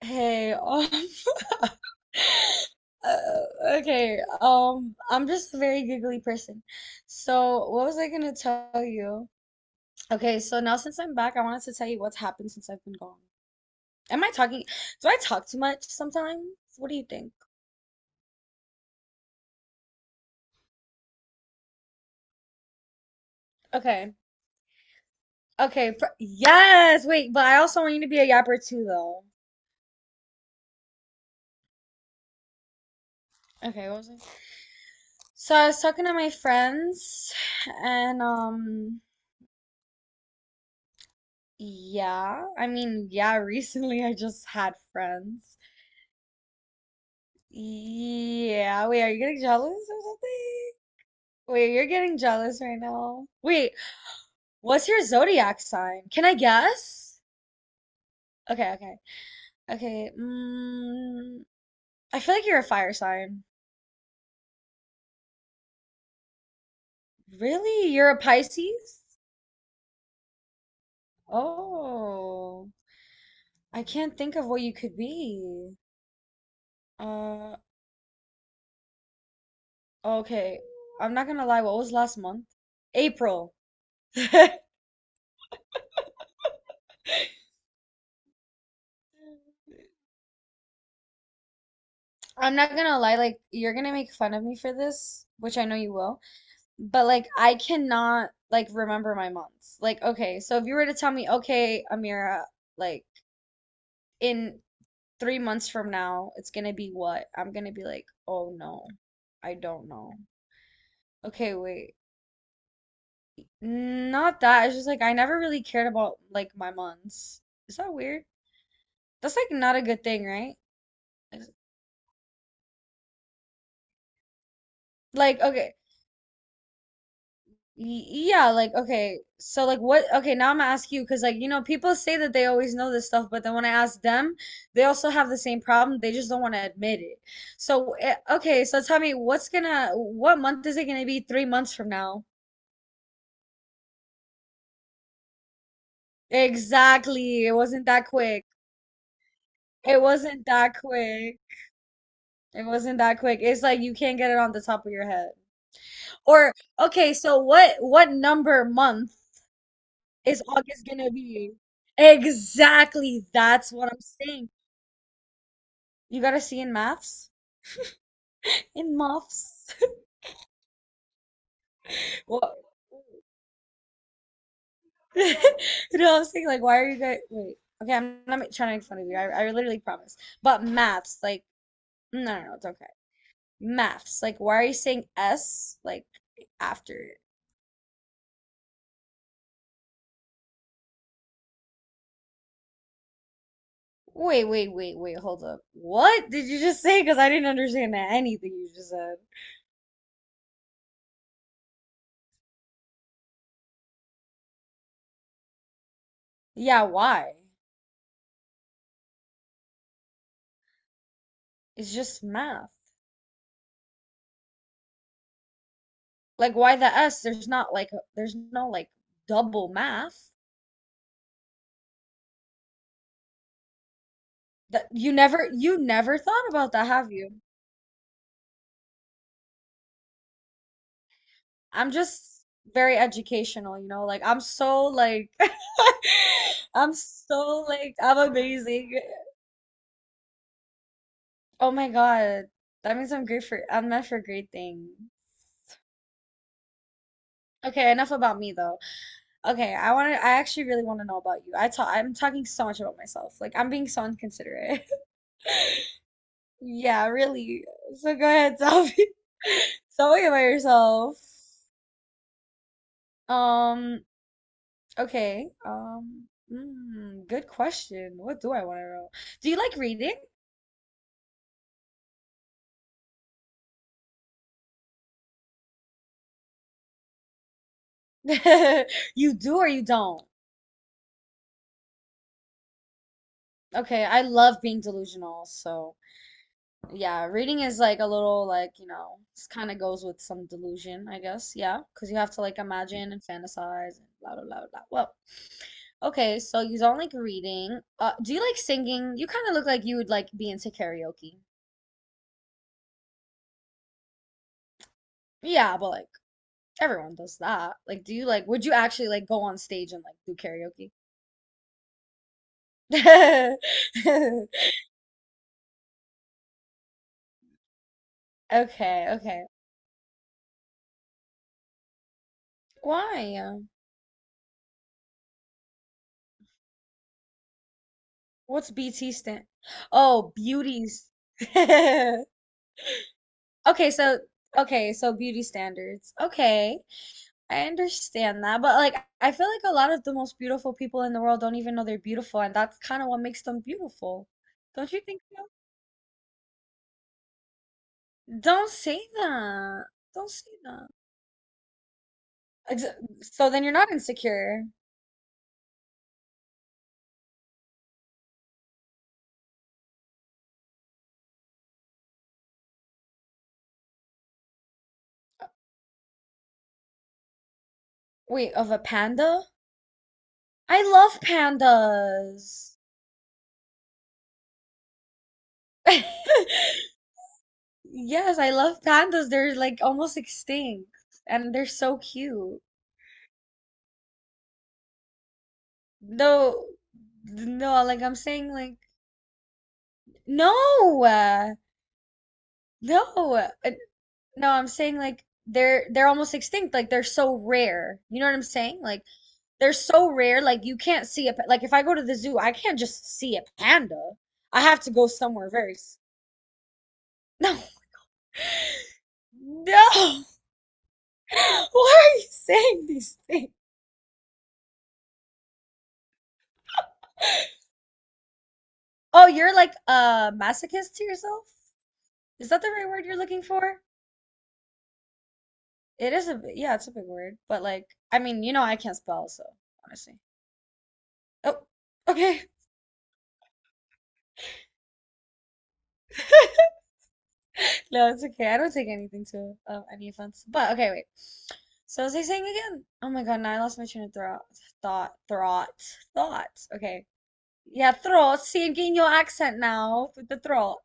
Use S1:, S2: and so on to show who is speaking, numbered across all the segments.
S1: Hey, uh, okay, I'm just a very giggly person. So, what was I gonna tell you? Okay, so now since I'm back, I wanted to tell you what's happened since I've been gone. Am I talking? Do I talk too much sometimes? What do you think? Okay, okay, pr yes, wait, but I also want you to be a yapper too, though. Okay, what was I? So I was talking to my friends, and yeah, I mean, yeah, recently I just had friends. Yeah, wait, are you getting jealous or something? Wait, you're getting jealous right now. Wait, what's your zodiac sign? Can I guess? Okay, okay. Okay, I feel like you're a fire sign. Really? You're a Pisces? Oh, I can't think of what you could be. Uh, okay. I'm not gonna lie, what was last month? April. I'm not gonna lie, like, you're gonna make fun of me for this, which I know you will. But like I cannot like remember my months. Like okay, so if you were to tell me, okay, Amira, like in 3 months from now, it's gonna be what? I'm gonna be like, oh no, I don't know. Okay, wait. Not that. It's just like I never really cared about like my months. Is that weird? That's like not a good thing, right? Like okay, yeah, like okay, so like what? Okay, now I'm gonna ask you because like you know people say that they always know this stuff, but then when I ask them, they also have the same problem. They just don't want to admit it. So okay, so tell me what month is it gonna be 3 months from now? Exactly, it wasn't that quick. It wasn't that quick. It wasn't that quick. It's like you can't get it on the top of your head. Or okay, so what number month is August gonna be? Exactly, that's what I'm saying. You got a C in maths? In maths? What? You No, I was thinking like, why are you guys? Wait. Okay, I'm not trying to make fun of you. I literally promise. But maths, like, no, no, no, it's okay. Maths, like, why are you saying S like after it? Wait, wait, wait, wait. Hold up. What did you just say? Because I didn't understand anything you just said. Yeah, why? It's just math. Like, why the S? There's not like, there's no like double math. That you never thought about that, have you? I'm just very educational, you know? Like I'm so like I'm so like I'm amazing. Oh my God. That means I'm great for I'm meant for great things. Okay, enough about me though. Okay, I actually really want to know about you. I'm talking so much about myself. Like I'm being so inconsiderate. Yeah, really. So go ahead, tell me. Tell me about yourself. Um, Okay. Good question. What do I want to know? Do you like reading? You do or you don't? Okay, I love being delusional, so yeah, reading is like a little like, it's kind of goes with some delusion, I guess. Yeah, because you have to like imagine and fantasize and blah blah blah blah. Well, okay, so you don't like reading. Do you like singing? You kind of look like you would like be into karaoke. Yeah, but like everyone does that. Like, do you like, would you actually like go on stage and like do karaoke? Okay, okay. Why? What's BT stand? Oh, beauties. Okay, so okay, so beauty standards. Okay, I understand that, but like I feel like a lot of the most beautiful people in the world don't even know they're beautiful, and that's kind of what makes them beautiful. Don't you think so? Don't say that. Don't say that. Ex- So then you're not insecure. Wait, of a panda? I love pandas. Yes, I love pandas. They're like almost extinct and they're so cute. No, no, like I'm saying like no. No. No, I'm saying like they're almost extinct. Like they're so rare. You know what I'm saying? Like they're so rare like you can't see a like if I go to the zoo, I can't just see a panda. I have to go somewhere very. No. No. Why are you saying these things? Oh, you're like a masochist to yourself? Is that the right word you're looking for? It is yeah, it's a big word, but like I mean, you know I can't spell, so honestly. Oh, okay. No, it's okay. I don't take anything to any offense. But okay, wait. So was I saying again? Oh my God, now I lost my train of thought. Thought, thought, thought. Okay. Yeah, throat. See, I'm getting your accent now with the throat.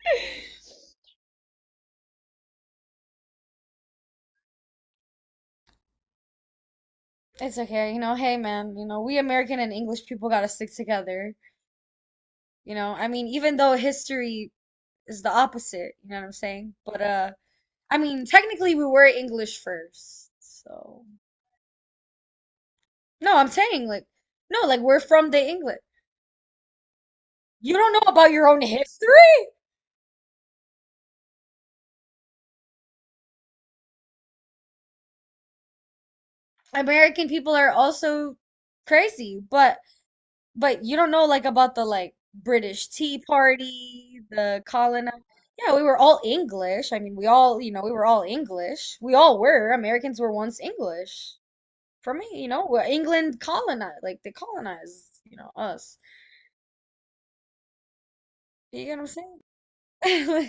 S1: It's okay, hey man, we American and English people gotta stick together. I mean, even though history is the opposite, you know what I'm saying? But I mean, technically we were English first. So no, I'm saying like no, like we're from the England. You don't know about your own history? American people are also crazy, but you don't know like about the like British Tea Party, the colon. Yeah, we were all English. I mean, we were all English. We all were. Americans were once English. For me, England colonized, like they colonized, us. You get what I'm saying? Like,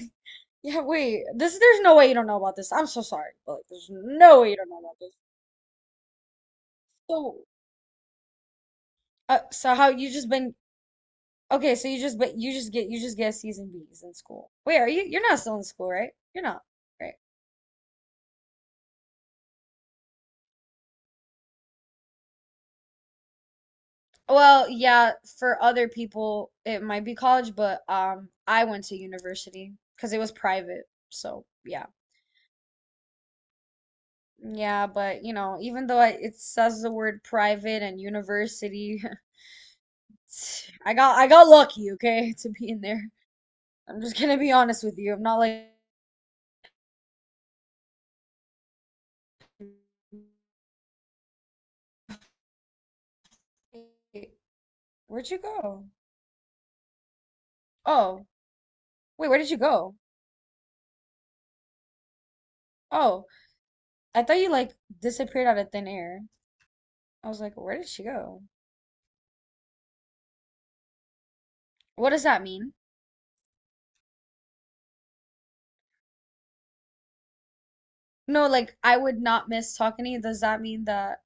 S1: yeah, wait. This there's no way you don't know about this. I'm so sorry, but like, there's no way you don't know about this. So, so how you just been. Okay, so you just but you just get C's and B's in school. Wait, are you you're not still in school, right? You're not, right? Well, yeah, for other people it might be college, but I went to university because it was private. So, yeah. Yeah, but you know, even though it says the word private and university, I got lucky, okay, to be in there. I'm just gonna be honest with you. I'm not like, where'd you go? Oh, wait, where did you go? Oh, I thought you like disappeared out of thin air. I was like, where did she go? What does that mean? No, like I would not miss talking to you. Does that mean that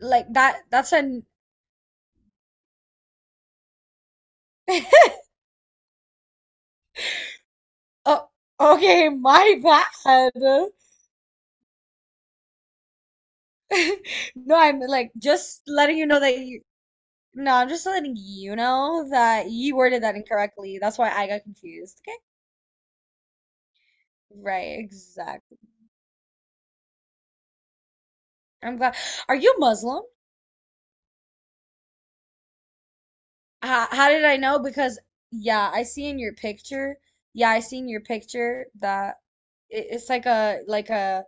S1: like that that's an oh okay, my bad. No, I'm like just letting you know that you no, I'm just letting you know that you worded that incorrectly. That's why I got confused. Okay? Right, exactly. I'm glad. Are you Muslim? How did I know? Because yeah, I see in your picture. Yeah, I see in your picture that it's like a like a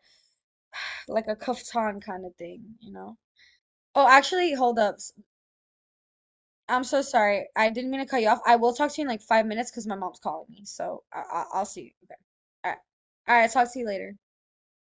S1: like a kaftan kind of thing, you know? Oh, actually, hold up. I'm so sorry. I didn't mean to cut you off. I will talk to you in like 5 minutes because my mom's calling me. So I'll see you. Okay. All right. All right. Talk to you later.